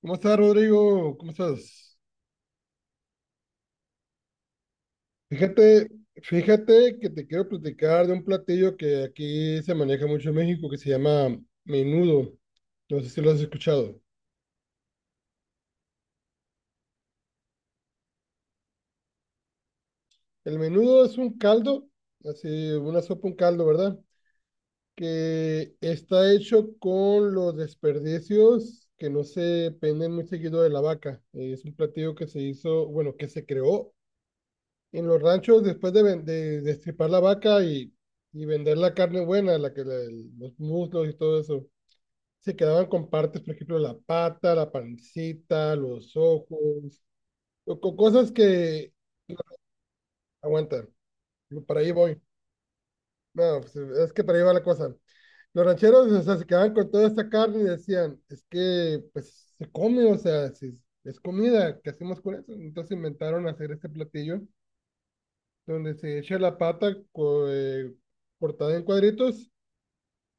¿Cómo estás, Rodrigo? ¿Cómo estás? Fíjate, fíjate, que te quiero platicar de un platillo que aquí se maneja mucho en México que se llama menudo. No sé si lo has escuchado. El menudo es un caldo, así una sopa, un caldo, ¿verdad? Que está hecho con los desperdicios que no se penden muy seguido de la vaca. Es un platillo que se hizo, bueno, que se creó en los ranchos, después de, ven- de destripar la vaca y, vender la carne buena, la que la- el- los muslos y todo eso, se quedaban con partes, por ejemplo, la pata, la pancita, los ojos, o cosas que no aguantan. Para ahí voy. No, pues, es que para ahí va la cosa. Los rancheros, o sea, se quedaban con toda esta carne y decían, es que pues se come, o sea, si es, es comida, ¿qué hacemos con eso? Entonces inventaron hacer este platillo donde se echa la pata cortada en cuadritos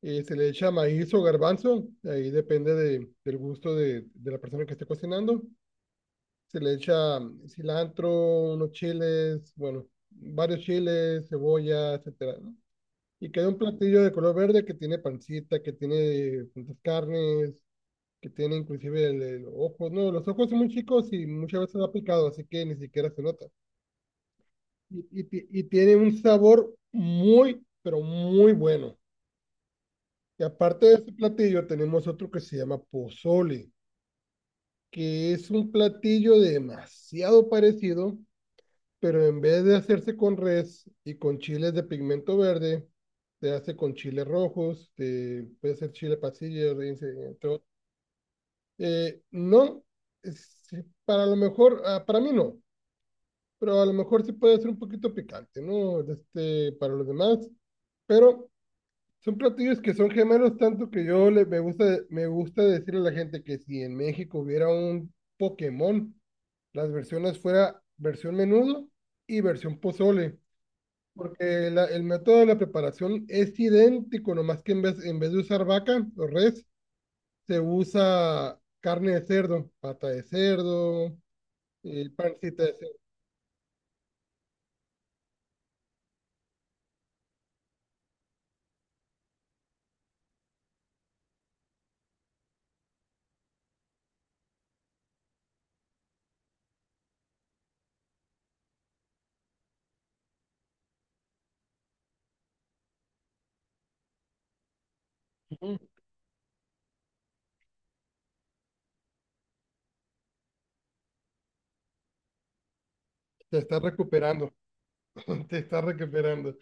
y se le echa maíz o garbanzo, ahí depende del gusto de la persona que esté cocinando. Se le echa cilantro, unos chiles, bueno, varios chiles, cebolla, etcétera, ¿no? Y queda un platillo de color verde que tiene pancita, que tiene tantas carnes, que tiene inclusive el ojo. No, los ojos son muy chicos y muchas veces da picado, así que ni siquiera se nota. y, y y tiene un sabor muy, pero muy bueno. Y aparte de ese platillo, tenemos otro que se llama pozole, que es un platillo demasiado parecido, pero en vez de hacerse con res y con chiles de pigmento verde, se hace con chiles rojos, puede ser chile pasilla, rinse, entre otros. No, sí, para lo mejor, ah, para mí no, pero a lo mejor sí puede ser un poquito picante, ¿no? Este, para los demás, pero son platillos que son gemelos, tanto que yo le, me gusta decirle a la gente que si en México hubiera un Pokémon, las versiones fuera versión menudo y versión pozole, porque el método de la preparación es idéntico, nomás que en vez de usar vaca o res, se usa carne de cerdo, pata de cerdo, pancita de cerdo. Ujú. Te está recuperando, te está recuperando.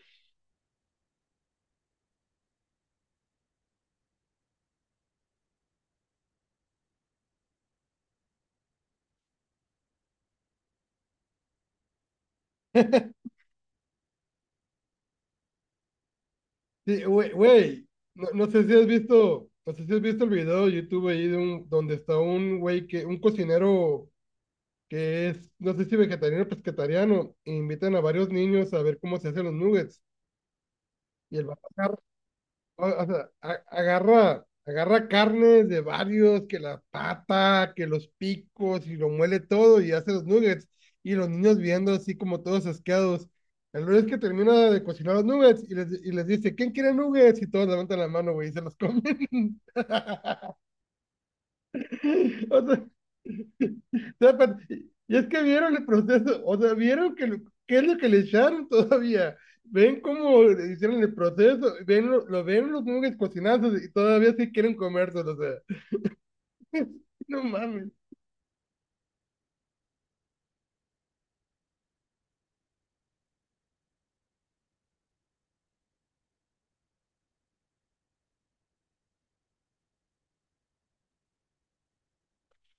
Sí, güey, no, no sé si has visto, no sé si has visto el video de YouTube ahí de un, donde está un güey que, un cocinero que es, no sé si vegetariano o pescetariano, e invitan a varios niños a ver cómo se hacen los nuggets. Y el vato o sea, agarra carnes de varios, que la pata, que los picos, y lo muele todo y hace los nuggets. Y los niños viendo así como todos asqueados. El lunes que termina de cocinar los nuggets y les dice, ¿quién quiere nuggets? Y todos levantan la mano, güey, y se los comen. O sea, o sea, pa- y es que vieron el proceso, o sea, qué es lo que le echaron todavía. Ven cómo le hicieron el proceso, lo ven los nuggets cocinados y todavía sí quieren comérselos, o sea. No mames.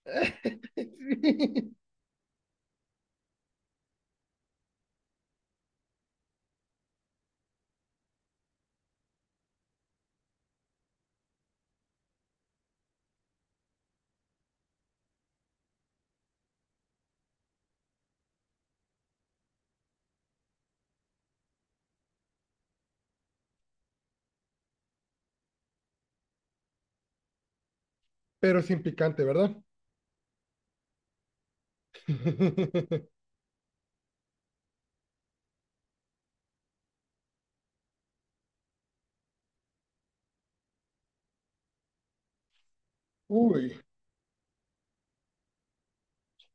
Sí. Pero sin picante, ¿verdad? Uy.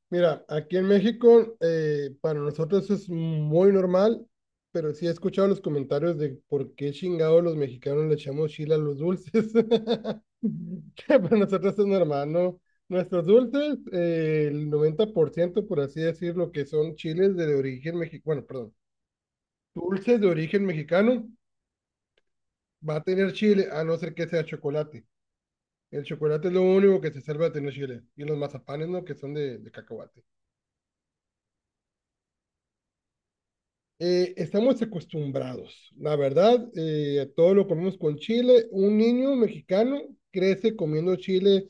Mira, aquí en México para nosotros es muy normal, pero sí he escuchado los comentarios de por qué chingados los mexicanos le echamos chile a los dulces. Que para nosotros es normal, ¿no? Nuestros dulces, el 90%, por ciento, por así decirlo, que son chiles de origen mexicano, bueno, perdón, dulces de origen mexicano, va a tener chile, a no ser que sea chocolate. El chocolate es lo único que se salva de tener chile. Y los mazapanes, ¿no? Que son de cacahuate. Estamos acostumbrados, la verdad, todo lo comemos con chile. Un niño mexicano crece comiendo chile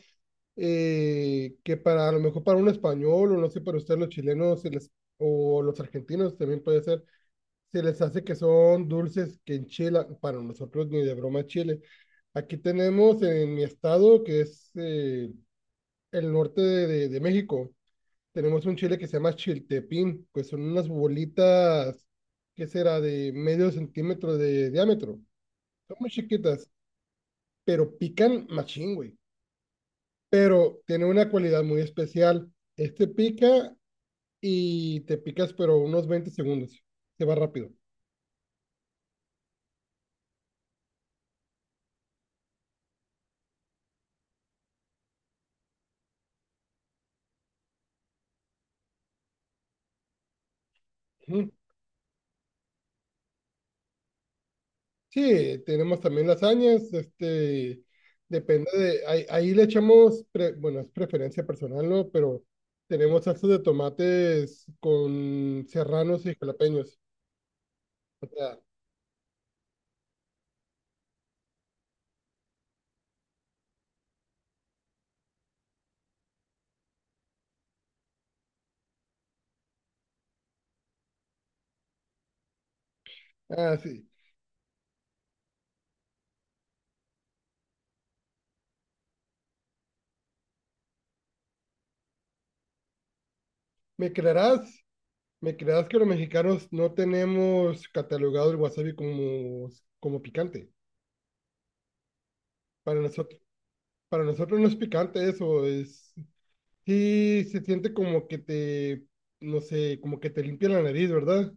que para a lo mejor para un español o no sé, para usted los chilenos se les, o los argentinos también puede ser, se les hace que son dulces que enchilan, para nosotros ni de broma chile. Aquí tenemos en mi estado, que es el norte de, de México, tenemos un chile que se llama chiltepín, pues son unas bolitas, ¿qué será? De medio centímetro de diámetro. Son muy chiquitas, pero pican machín, güey. Pero tiene una cualidad muy especial. Este pica y te picas, pero unos 20 segundos. Se va rápido. Ujú. Sí, tenemos también lasañas, este, depende de, ahí, ahí le echamos, pre- bueno, es preferencia personal, ¿no? Pero tenemos salsas de tomates con serranos y jalapeños. O sea, ah, sí. ¿Me creerás? ¿Me creerás que los mexicanos no tenemos catalogado el wasabi como, como picante? Para nosotros, para nosotros no es picante eso, es sí se siente como que te, no sé, como que te limpia la nariz, ¿verdad?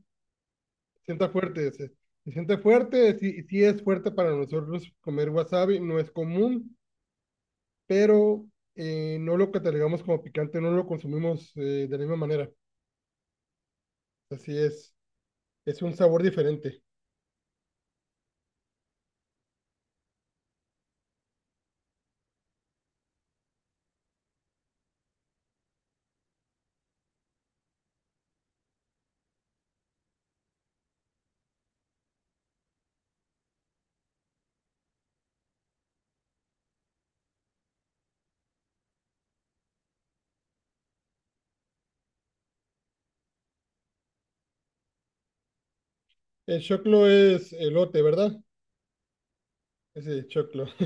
Sienta fuerte, se siente fuerte, sí, sí es fuerte para nosotros comer wasabi, no es común, pero no lo catalogamos como picante, no lo consumimos de la misma manera. Así es un sabor diferente. El choclo es elote, ¿verdad? Ese es choclo.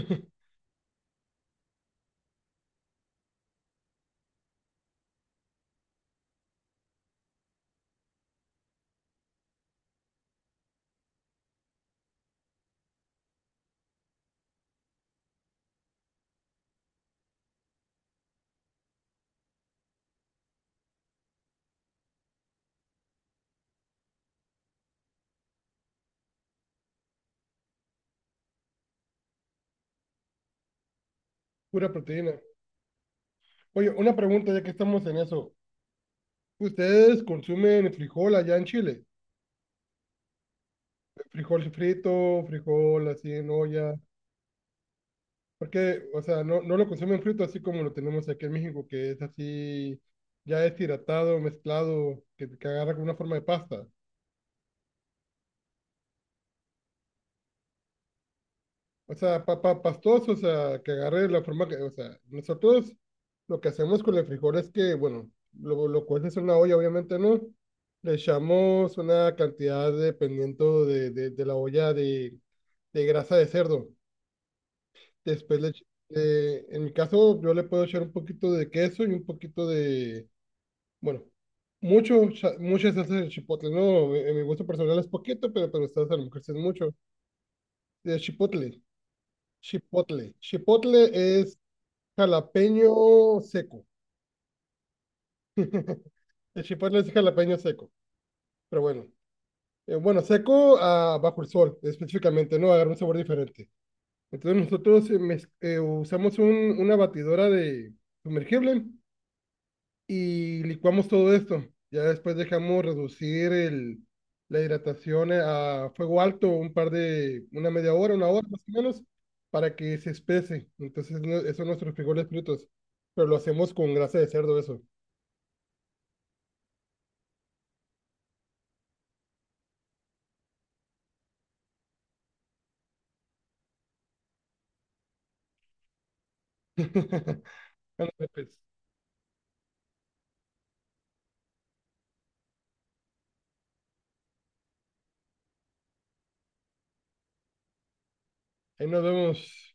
Pura proteína. Oye, una pregunta ya que estamos en eso. ¿Ustedes consumen frijol allá en Chile? Frijol frito, frijol así en olla. Porque, o sea, no, no lo consumen frito así como lo tenemos aquí en México, que es así, ya deshidratado, mezclado, que agarra con una forma de pasta. O sea, papa pastoso, o sea, que agarre la forma que, o sea, nosotros lo que hacemos con el frijol es que, bueno, lo cueces en una olla, obviamente no. Le echamos una cantidad dependiendo de la olla de grasa de cerdo. Después le, en mi caso, yo le puedo echar un poquito de queso y un poquito de, bueno, mucho, mucha salsa de chipotle, ¿no? En mi gusto personal es poquito, pero ustedes a lo mejor sí es mucho. De chipotle, chipotle. Chipotle es jalapeño seco. El chipotle es jalapeño seco, pero bueno. Bueno, seco ah, bajo el sol, específicamente, ¿no? Agarra un sabor diferente. Entonces nosotros usamos una batidora de sumergible y licuamos todo esto. Ya después dejamos reducir el, la hidratación a fuego alto un par de, una media hora, una hora más o menos, para que se espese. Entonces, no- esos son nuestros frijoles fritos, pero lo hacemos con grasa de cerdo, eso. Ándale, pues, ahí nos vemos.